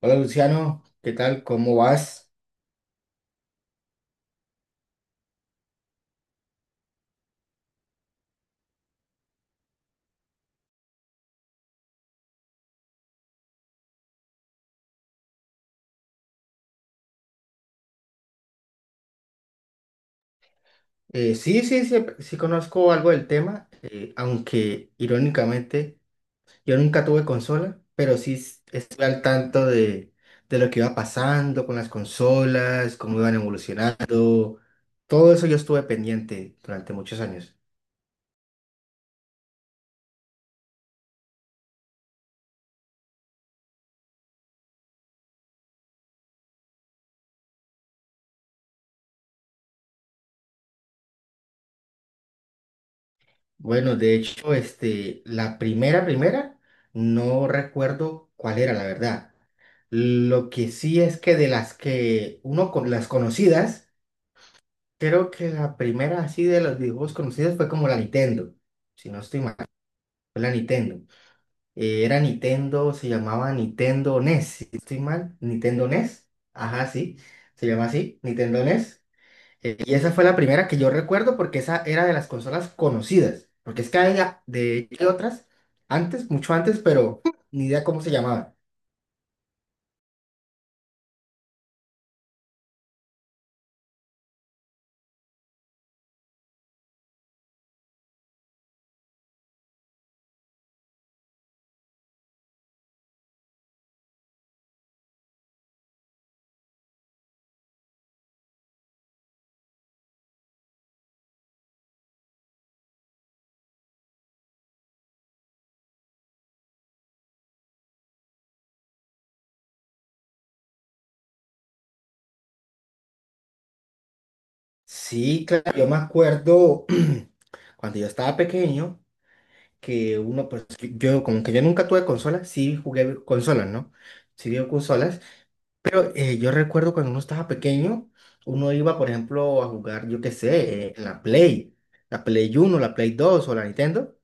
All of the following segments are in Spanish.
Hola Luciano, ¿qué tal? ¿Cómo vas? Sí, sí, sí, sí conozco algo del tema, aunque irónicamente yo nunca tuve consola, pero sí estoy al tanto de lo que iba pasando con las consolas, cómo iban evolucionando. Todo eso yo estuve pendiente durante muchos años. Bueno, de hecho, este, la primera, primera, no recuerdo cuál era, la verdad. Lo que sí es que de las que uno con las conocidas, creo que la primera así de los videojuegos conocidos fue como la Nintendo, si no estoy mal, fue la Nintendo. Era Nintendo, se llamaba Nintendo NES, si no estoy mal, Nintendo NES, ajá, sí, se llama así, Nintendo NES. Y esa fue la primera que yo recuerdo porque esa era de las consolas conocidas, porque es que había de hay otras antes, mucho antes, pero ni idea cómo se llamaba. Sí, claro, yo me acuerdo, cuando yo estaba pequeño, que uno, pues yo como que yo nunca tuve consolas, sí jugué consolas, ¿no? Sí dio consolas, pero yo recuerdo cuando uno estaba pequeño, uno iba, por ejemplo, a jugar, yo qué sé, en la Play, la Play 1, la Play 2 o la Nintendo,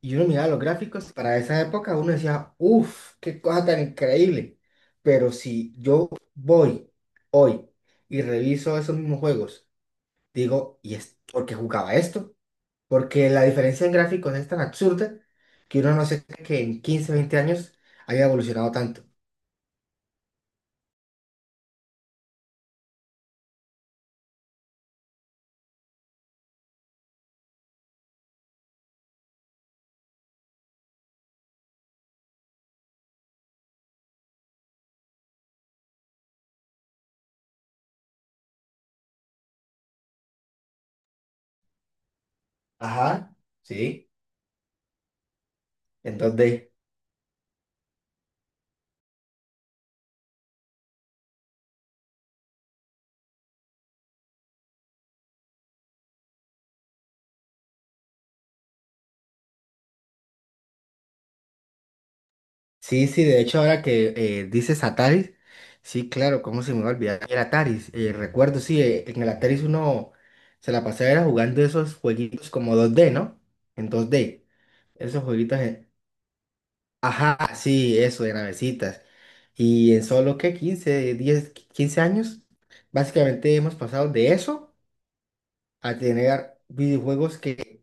y uno miraba los gráficos. Para esa época uno decía, uff, qué cosa tan increíble, pero si yo voy hoy y reviso esos mismos juegos, digo, ¿y es por qué jugaba esto? Porque la diferencia en gráficos es tan absurda que uno no se cree que en 15, 20 años haya evolucionado tanto. Ajá, sí. Entonces, sí, sí, de hecho ahora que dices Ataris, sí, claro, cómo se me va a olvidar el Ataris. Recuerdo, sí, en el Ataris uno se la pasaba era jugando esos jueguitos como 2D, ¿no? En 2D, esos jueguitos, ajá, sí, eso, de navecitas. Y en solo, ¿qué? 15, 10, 15 años básicamente hemos pasado de eso a tener videojuegos que,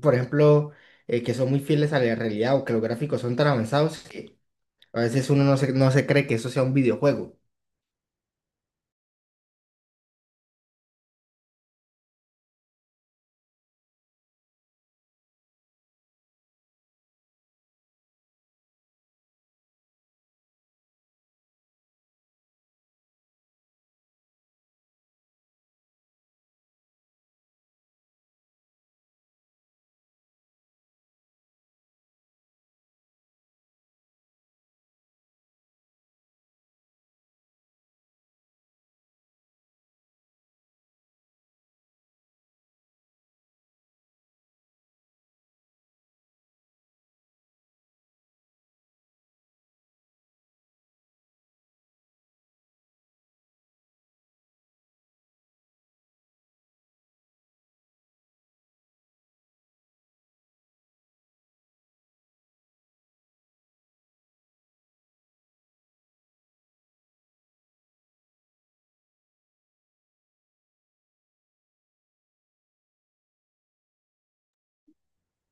por ejemplo, que son muy fieles a la realidad, o que los gráficos son tan avanzados que a veces uno no se cree que eso sea un videojuego.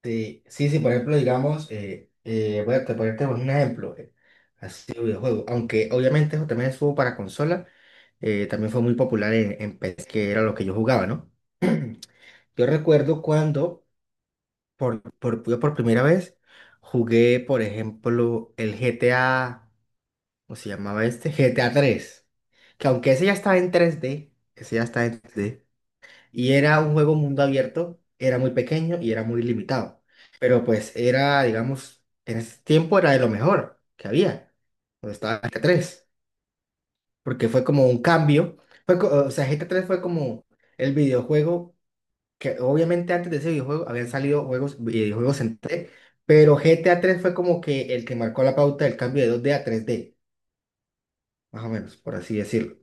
Sí, sí, sí, por ejemplo, digamos, voy a ponerte un ejemplo, así de videojuego, aunque obviamente eso también estuvo para consola, también fue muy popular en PC, que era lo que yo jugaba, ¿no? Yo recuerdo cuando, yo por primera vez, jugué, por ejemplo, el GTA. ¿Cómo se llamaba este? GTA 3. Que aunque ese ya estaba en 3D, ese ya estaba en 3D, y era un juego mundo abierto, era muy pequeño y era muy limitado. Pero pues era, digamos, en ese tiempo era de lo mejor que había, cuando estaba GTA 3. Porque fue como un cambio. Fue, o sea, GTA 3 fue como el videojuego, que obviamente antes de ese videojuego habían salido juegos, videojuegos en 3D, pero GTA 3 fue como que el que marcó la pauta del cambio de 2D a 3D, más o menos, por así decirlo.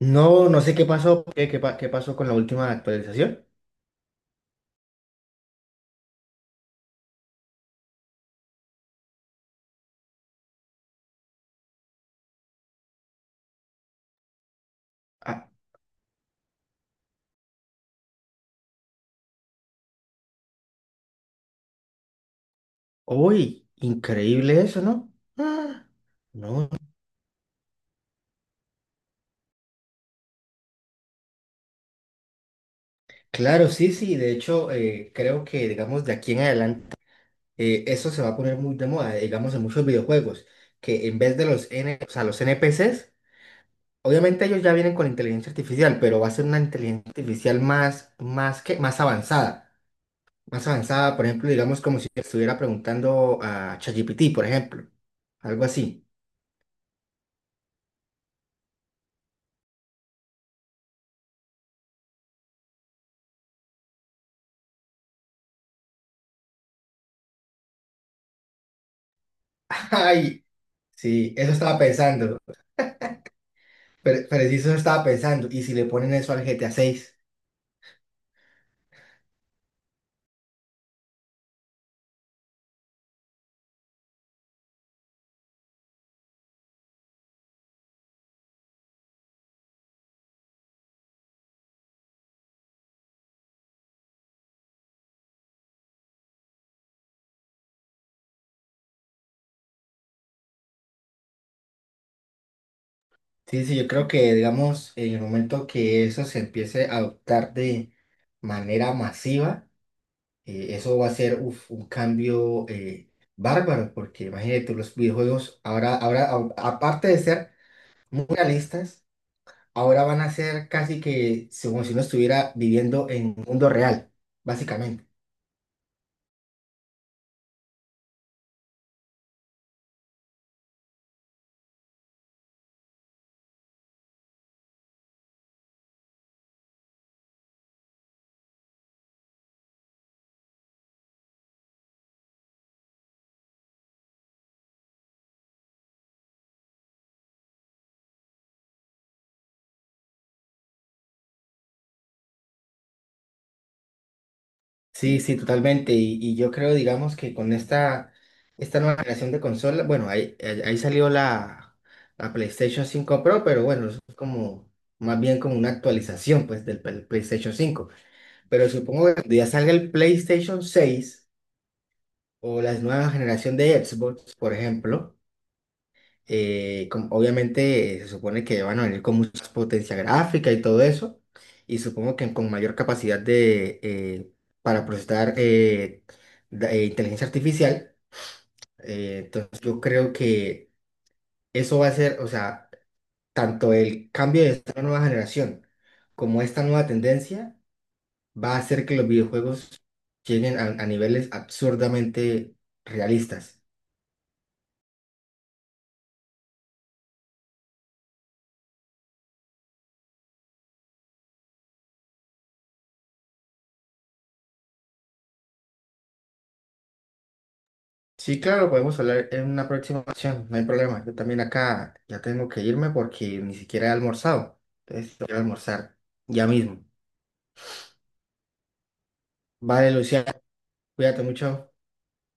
No, no sé qué pasó, qué pasó con la última actualización. Ah, uy, increíble eso, ¿no? Ah, no, claro, sí, sí, de hecho, creo que, digamos, de aquí en adelante, eso se va a poner muy de moda, digamos, en muchos videojuegos, que en vez de o sea, los NPCs, obviamente ellos ya vienen con inteligencia artificial, pero va a ser una inteligencia artificial más avanzada, por ejemplo, digamos, como si estuviera preguntando a ChatGPT, por ejemplo, algo así. Ay, sí, eso estaba pensando. Pero sí, eso estaba pensando. Y si le ponen eso al GTA seis. Sí, sí, yo creo que, digamos, en el momento que eso se empiece a adoptar de manera masiva, eso va a ser uf, un cambio, bárbaro, porque imagínate, los videojuegos ahora, aparte de ser muy realistas, ahora van a ser casi que como si uno estuviera viviendo en un mundo real, básicamente. Sí, sí, totalmente. Y yo creo, digamos, que con esta nueva generación de consola, bueno, ahí salió la PlayStation 5 Pro, pero bueno, eso es como más bien como una actualización pues del PlayStation 5. Pero supongo que cuando ya salga el PlayStation 6 o la nueva generación de Xbox, por ejemplo, obviamente, se supone que van a venir con mucha potencia gráfica y todo eso, y supongo que con mayor capacidad para procesar, inteligencia artificial. Entonces yo creo que eso va a ser, o sea, tanto el cambio de esta nueva generación como esta nueva tendencia va a hacer que los videojuegos lleguen a niveles absurdamente realistas. Sí, claro, podemos hablar en una próxima ocasión, no hay problema. Yo también acá ya tengo que irme porque ni siquiera he almorzado. Entonces, quiero almorzar ya mismo. Vale, Luciano, cuídate mucho.